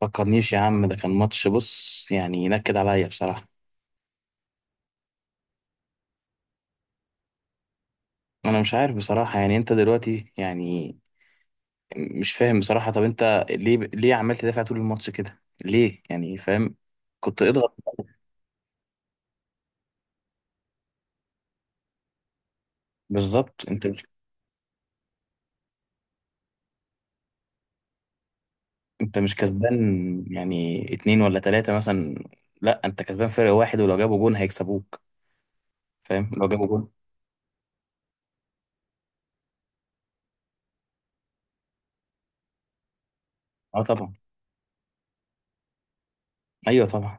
فكرنيش يا عم، ده كان ماتش، بص يعني ينكد عليا بصراحة. انا مش عارف بصراحة. يعني انت دلوقتي يعني مش فاهم بصراحة. طب انت ليه عمال تدافع طول الماتش كده؟ ليه يعني؟ فاهم؟ كنت اضغط بالظبط. انت مش كسبان. يعني اتنين ولا تلاتة مثلا. لا، انت كسبان فرق واحد، ولو جابوا جون هيكسبوك. فاهم؟ لو جابوا جون. اه طبعا. ايوه طبعا.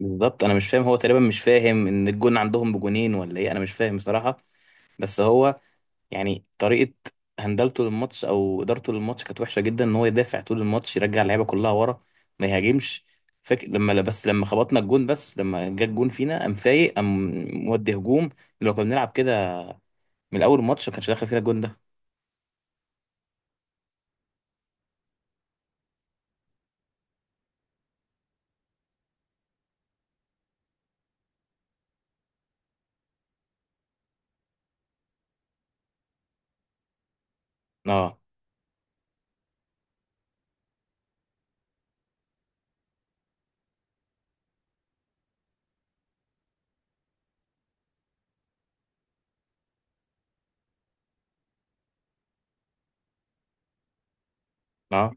بالظبط، انا مش فاهم. هو تقريبا مش فاهم ان الجون عندهم بجونين ولا ايه؟ انا مش فاهم بصراحة. بس هو يعني طريقة هندلته للماتش او ادارته للماتش كانت وحشة جدا، ان هو يدافع طول الماتش يرجع اللعيبة كلها ورا. ما يهاجمش. فاكر لما، لا، بس لما خبطنا الجون، بس لما جه الجون فينا قام فايق، قام مودي هجوم. لو كنا بنلعب كده من اول الماتش ما كانش داخل فينا الجون ده. اه، اه،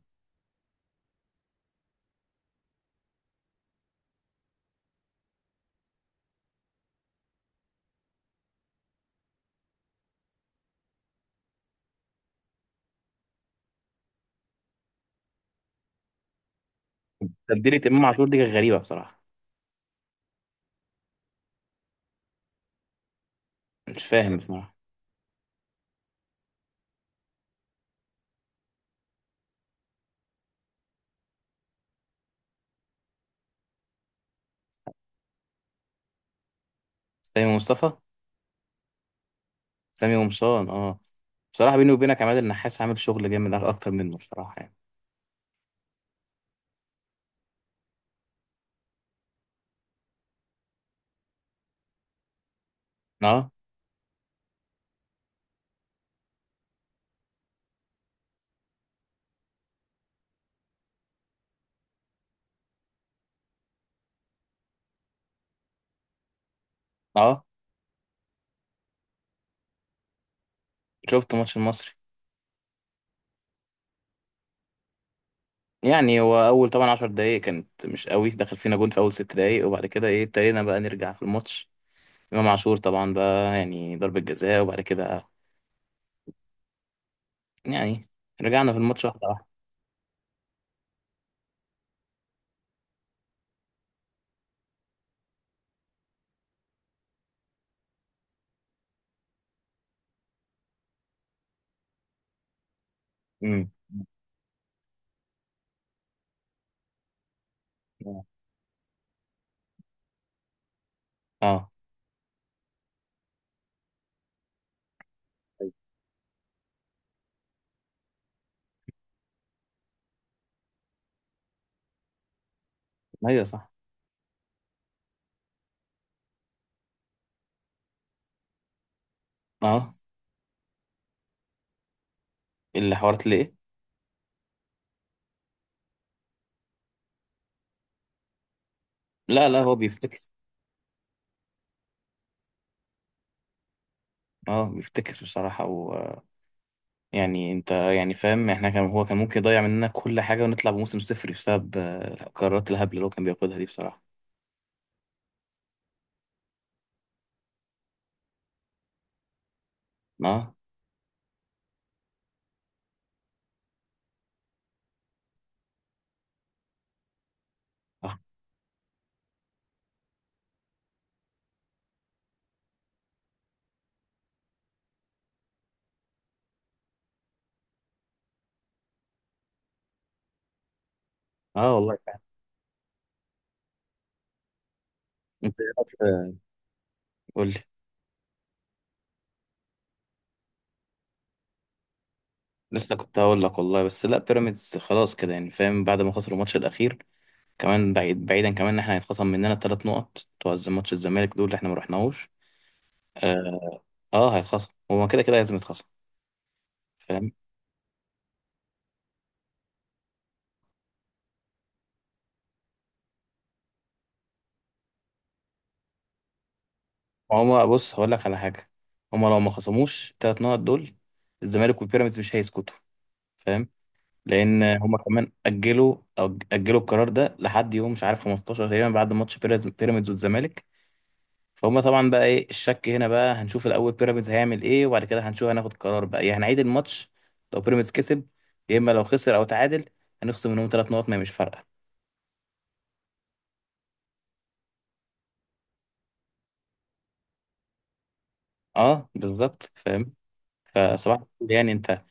تبديلة امام عاشور دي كانت غريبة بصراحة. مش فاهم بصراحة. سامي مصطفى. سامي قمصان، اه. بصراحة بيني وبينك عماد النحاس عامل شغل جامد اكتر منه بصراحة يعني. اه. اه، شفت ماتش المصري. يعني هو اول طبعا 10 دقايق كانت مش قوي، دخل فينا جون في اول 6 دقايق، وبعد كده ايه ابتدينا بقى نرجع في الماتش. امام عاشور طبعا بقى يعني ضربة جزاء، وبعد كده يعني رجعنا في الماتش واحدة واحدة. امم. اه. ايوه صح. اه، اللي حوارت ليه؟ لا، لا، هو بيفتكر. اه، بيفتكر بصراحة و يعني انت، يعني فاهم، احنا كان هو كان ممكن يضيع مننا كل حاجة ونطلع بموسم صفر بسبب القرارات الهبلة اللي هو كان بياخدها دي بصراحة. اه. اه. آه والله. انت إيه رأيك قول لي. لسه كنت هقول لك والله. بس لا، بيراميدز خلاص كده يعني فاهم، بعد ما خسروا الماتش الاخير، كمان بعيد بعيدا، كمان ان احنا هيتخصم مننا 3 نقط بتوع ماتش الزمالك دول اللي احنا ما رحناهوش. اه. آه هيتخصم، هما كده كده لازم يتخصم. فاهم؟ هما بص هقول لك على حاجه، هما لو ما خصموش الثلاث نقط دول الزمالك والبيراميدز مش هيسكتوا، فاهم؟ لان هما كمان اجلوا القرار ده لحد يوم مش عارف 15 تقريبا، بعد ماتش بيراميدز والزمالك. فهم طبعا بقى، ايه الشك هنا بقى. هنشوف الاول بيراميدز هيعمل ايه وبعد كده هنشوف، هناخد قرار بقى يا هنعيد الماتش. لو بيراميدز كسب، يا اما لو خسر او تعادل هنخصم منهم 3 نقط، ما هي مش فارقه. اه بالظبط فاهم. فصباح الفل. يعني انت،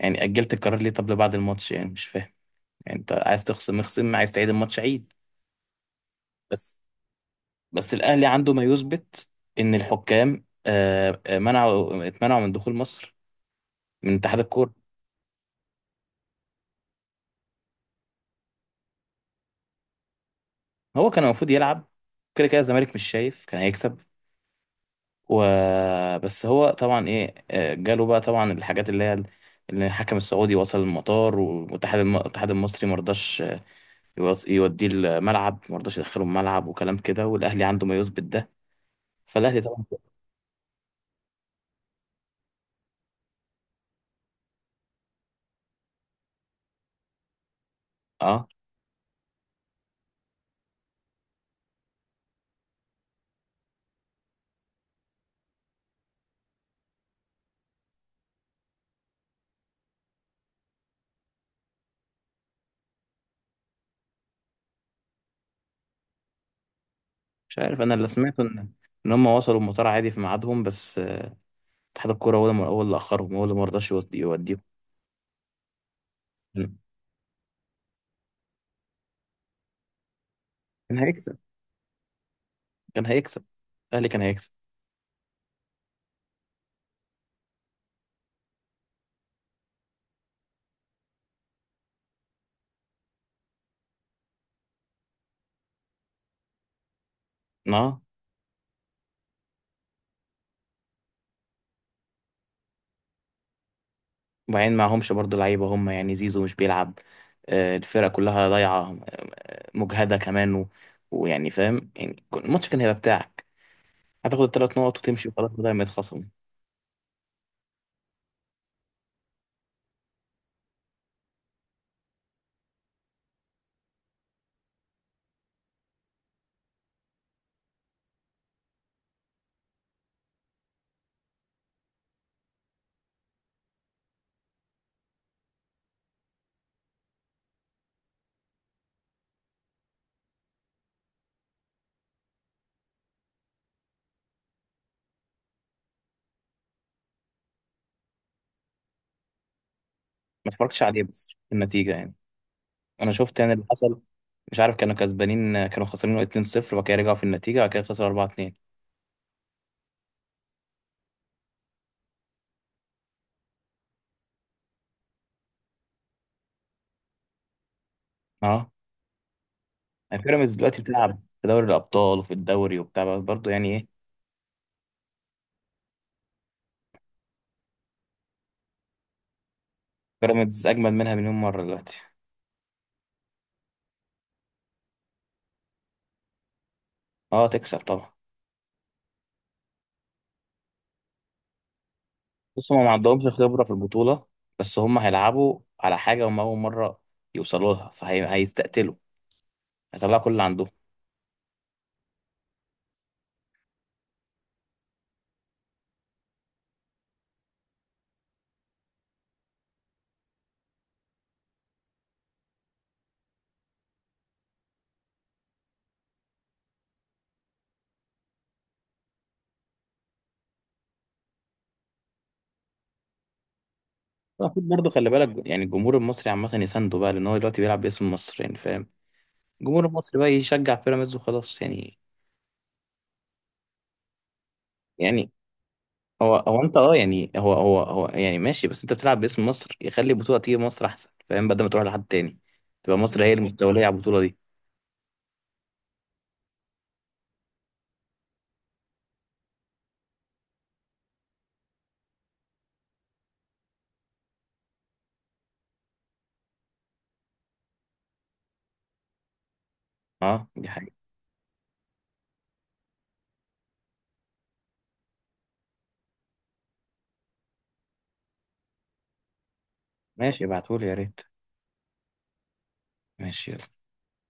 يعني اجلت القرار ليه؟ طب لبعد الماتش يعني، مش فاهم. يعني انت عايز تخصم اخصم، عايز تعيد الماتش عيد. بس بس الاهلي عنده ما يثبت ان الحكام اتمنعوا من دخول مصر من اتحاد الكوره. هو كان المفروض يلعب. كده كده الزمالك مش شايف، كان هيكسب. و بس هو طبعا ايه، جاله بقى طبعا الحاجات اللي الحكم السعودي وصل المطار، والاتحاد الاتحاد المصري مرضاش، يوديه الملعب، مرضاش يدخله الملعب وكلام كده، والاهلي عنده ما يثبت ده. فالاهلي طبعا. اه، مش عارف. انا اللي سمعته ان هم وصلوا المطار عادي في ميعادهم، بس اتحاد الكوره هو اللي اخرهم، هو اللي مرضاش يوديهم. كان هيكسب كان هيكسب. الاهلي كان هيكسب. اه. وبعدين معهمش برضو لعيبة هم، يعني زيزو مش بيلعب، الفرقة كلها ضايعة، مجهدة كمان و ويعني فاهم، يعني الماتش كان هيبقى بتاعك، هتاخد الثلاث نقط وتمشي وخلاص بدل ما يتخصموا ما. اتفرجتش عليه، بس النتيجة يعني. أنا شفت يعني اللي حصل. مش عارف كانوا كسبانين كانوا خسرانين 2-0، وبعد كده رجعوا في النتيجة، وبعد كده خسروا 4-2. اه، يعني بيراميدز دلوقتي بتلعب في دوري الأبطال وفي الدوري وبتاع برضه، يعني إيه. بيراميدز أجمد منها مليون مرة دلوقتي. اه تكسب طبعا. بص هم ما عندهمش خبرة في البطولة، بس هم هيلعبوا على حاجة هم أول مرة يوصلوا لها، فهيستقتلوا، هيطلعوا كل اللي عندهم. المفروض برضه خلي بالك، يعني الجمهور المصري عامة يسانده بقى لأن هو دلوقتي بيلعب باسم مصر، يعني فاهم. الجمهور المصري بقى يشجع بيراميدز وخلاص يعني. يعني هو أنت، أه يعني هو يعني ماشي، بس أنت بتلعب باسم مصر، يخلي البطولة تيجي مصر أحسن، فاهم، بدل ما تروح لحد تاني. تبقى مصر هي المستولية على البطولة دي. أه، دي حاجة. ماشي ابعتهولي يا ريت. ماشي يلا.